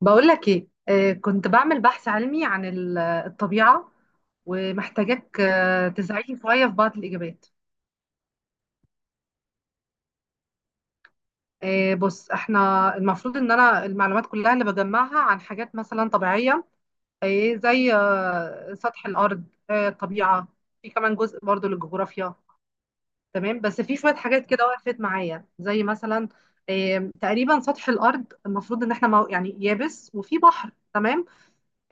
بقول لك ايه، كنت بعمل بحث علمي عن الطبيعة. ومحتاجاك تساعدني شوية في بعض الإجابات. بص، احنا المفروض ان انا المعلومات كلها اللي بجمعها عن حاجات مثلا طبيعية، زي سطح الأرض، الطبيعة. في كمان جزء برضو للجغرافيا. تمام، بس في شوية حاجات كده وقفت معايا، زي مثلا تقريبا سطح الأرض، المفروض ان احنا يعني يابس وفي بحر. تمام.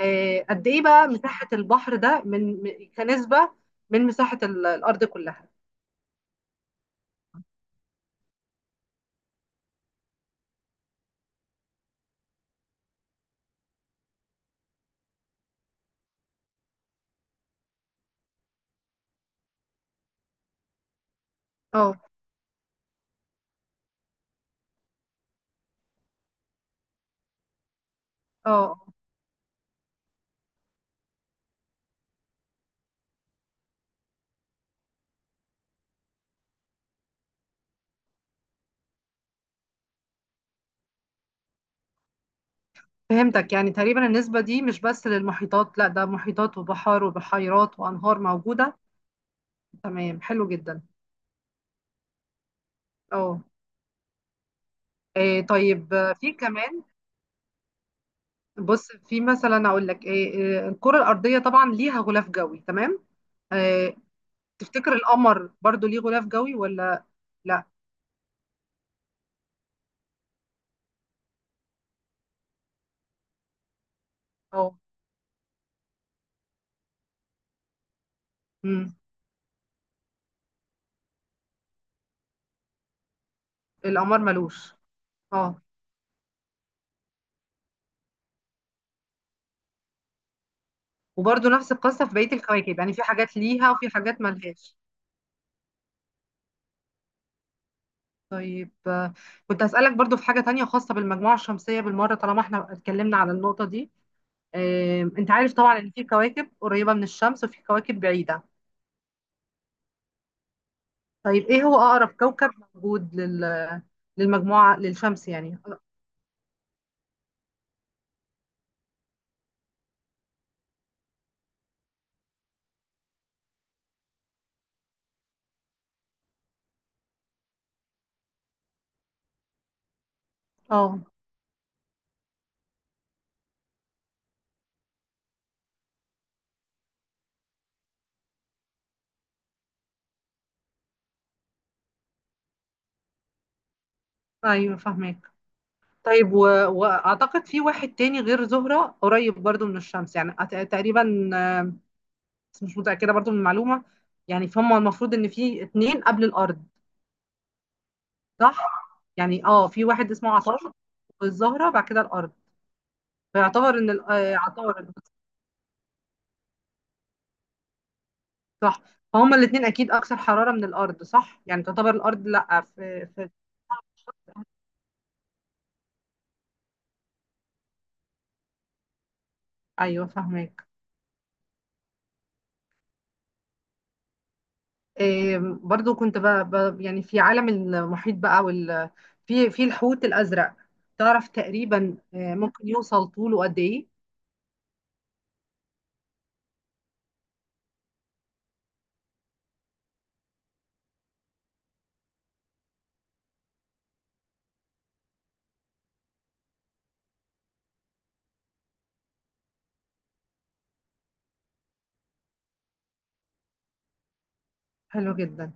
قد ايه بقى مساحة البحر ده من كنسبة من مساحة الأرض كلها؟ اه، اه، فهمتك. يعني تقريبا النسبة دي مش بس للمحيطات، لا، ده محيطات وبحار وبحيرات وأنهار موجودة. تمام، حلو جدا. اه. طيب، في كمان بص في مثلا أقول لك، الكرة الأرضية طبعا ليها غلاف جوي. تمام. آه، تفتكر القمر برضو ليه غلاف جوي ولا لا؟ اه. مم، القمر ملوش. اه، وبرضه نفس القصة في بقية الكواكب، يعني في حاجات ليها وفي حاجات ملهاش. طيب، كنت هسألك برضه في حاجة تانية خاصة بالمجموعة الشمسية بالمرة، طالما احنا اتكلمنا على النقطة دي. انت عارف طبعا ان في كواكب قريبة من الشمس وفي كواكب بعيدة. طيب، ايه هو أقرب كوكب موجود للشمس يعني؟ اه. ايوه، فاهمك. طيب، واعتقد في واحد تاني غير زهرة قريب برضه من الشمس، يعني تقريبا، بس مش متأكدة برضو من المعلومة. يعني، فهم المفروض ان في اتنين قبل الارض، صح؟ يعني اه، في واحد اسمه عطارد، والزهرة، بعد كده الارض. فيعتبر ان عطارد، صح؟ فهما الاتنين اكيد اكثر حرارة من الارض، صح؟ يعني تعتبر الارض لا في. ايوه، فاهمك. إيه، برضو كنت يعني في عالم المحيط بقى في الحوت الازرق، تعرف تقريبا ممكن يوصل طوله قد ايه؟ حلو جدا.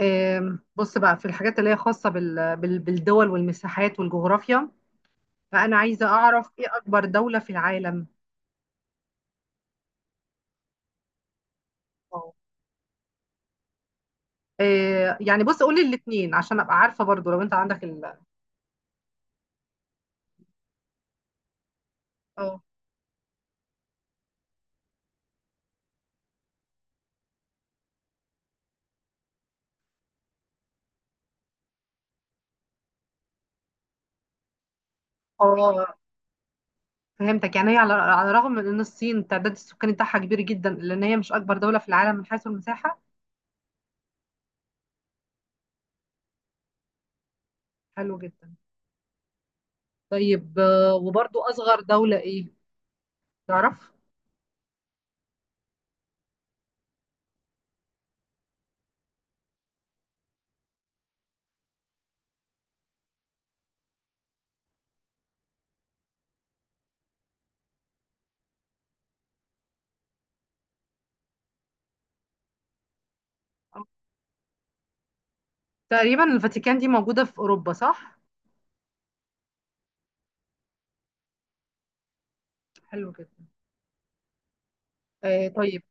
بص بقى في الحاجات اللي هي خاصة بالدول والمساحات والجغرافيا، فأنا عايزة أعرف إيه أكبر دولة في العالم؟ اه. يعني بص، قولي الاتنين عشان أبقى عارفة برضو، لو أنت عندك اه، اه، فهمتك. يعني هي على الرغم من إن الصين تعداد السكاني بتاعها كبير جدا، لأن هي مش أكبر دولة في العالم من حيث المساحة. حلو جدا. طيب، وبرضو أصغر دولة إيه، تعرف؟ آه. تقريبا الفاتيكان دي موجودة في أوروبا، صح؟ حلو جدا. طيب،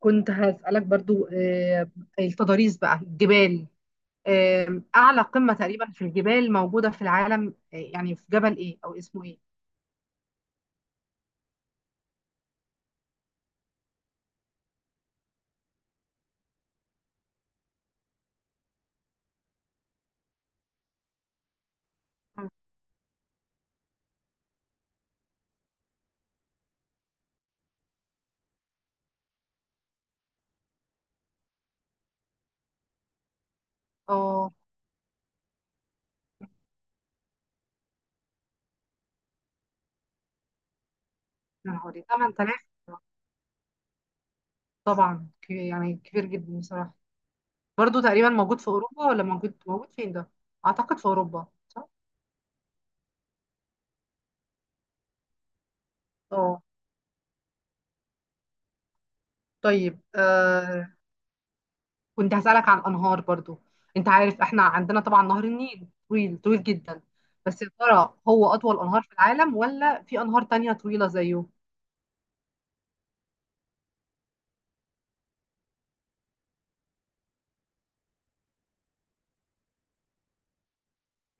كنت هسألك برضو، التضاريس بقى، الجبال. أعلى قمة تقريبا في الجبال موجودة في العالم، يعني في جبل إيه، أو اسمه إيه؟ اه. يا نهاري، 8000! طبعا يعني كبير جدا بصراحة. برضو تقريبا موجود في أوروبا، ولا موجود فين ده؟ أعتقد في أوروبا، صح؟ اه. طيب، كنت هسألك عن أنهار برضو. أنت عارف إحنا عندنا طبعا نهر النيل طويل طويل جدا، بس يا ترى هو أطول أنهار في العالم، ولا في أنهار تانية طويلة زيه؟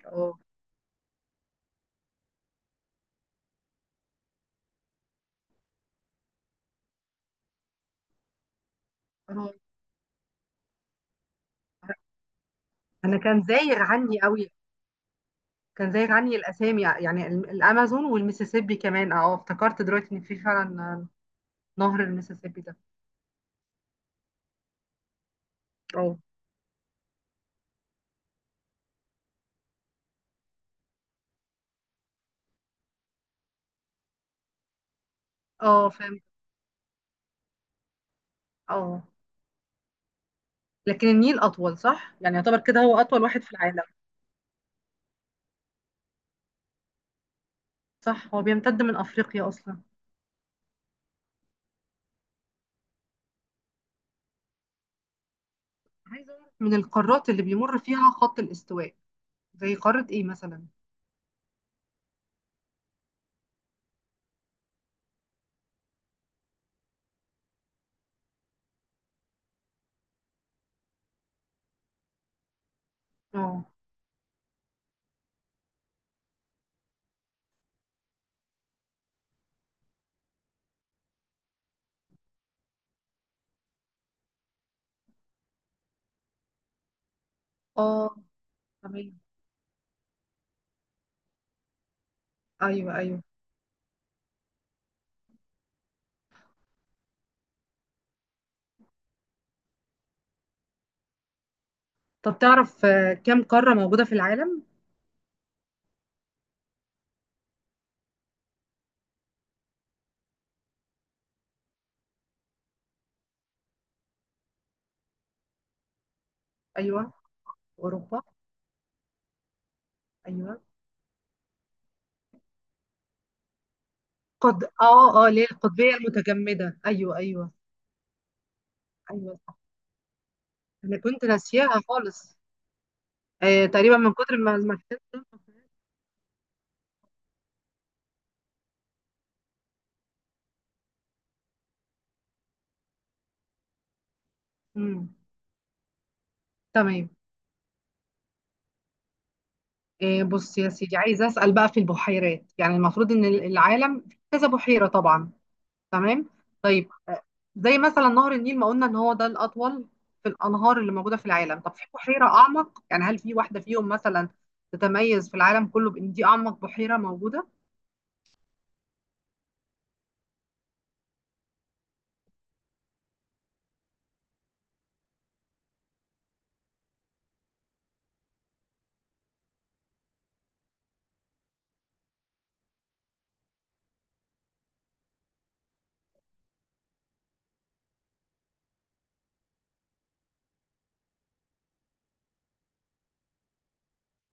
اه. أنا أنا كان زايغ عني قوي، كان زايغ عني الأسامي، يعني الأمازون والميسيسيبي كمان. افتكرت دلوقتي إن في فعلا نهر الميسيسيبي ده. اه، أه، فهمت. أه، لكن النيل أطول، صح؟ يعني يعتبر كده هو أطول واحد في العالم. صح، هو بيمتد من أفريقيا أصلا. عايزة أعرف من القارات اللي بيمر فيها خط الاستواء، زي قارة ايه مثلا؟ اه، اه. تمام. ايوه، ايوه. طب تعرف كم قارة موجودة في العالم؟ ايوه. اوروبا. ايوه. قد، اه، اه، ليه، القطبية المتجمدة، ايوه، ايوه. ايوه، صح، انا كنت ناسياها خالص. تقريبا من كتر ما المكان. امم تمام. بص يا سيدي، عايزة اسأل بقى في البحيرات. يعني المفروض ان العالم في كذا بحيرة طبعا. تمام. طيب، زي مثلا نهر النيل ما قلنا ان هو ده الاطول في الانهار اللي موجوده في العالم، طب في بحيره اعمق؟ يعني هل في واحده فيهم مثلا تتميز في العالم كله بان دي اعمق بحيره موجوده؟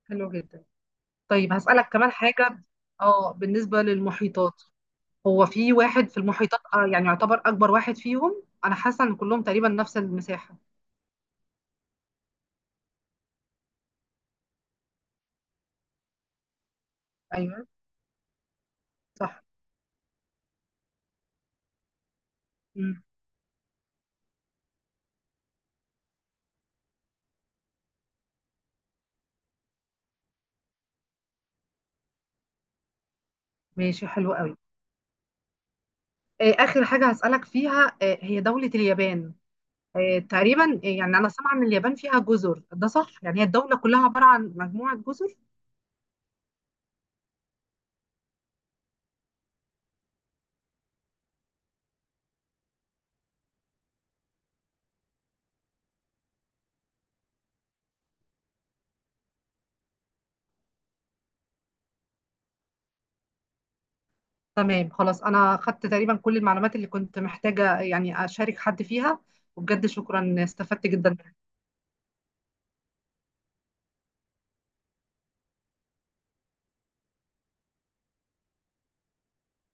حلو جدا. طيب، هسالك كمان حاجه، اه، بالنسبه للمحيطات. هو في واحد في المحيطات يعني يعتبر اكبر واحد فيهم؟ انا حاسه ان كلهم تقريبا نفس المساحه. ايوه، صح. مم. ماشي، حلو قوي. اخر حاجه هسالك فيها، هي دوله اليابان. تقريبا يعني انا سامعه ان اليابان فيها جزر، ده صح؟ يعني هي الدوله كلها عباره عن مجموعه جزر؟ تمام، خلاص. انا خدت تقريبا كل المعلومات اللي كنت محتاجه يعني اشارك حد فيها. وبجد شكرا، استفدت جدا.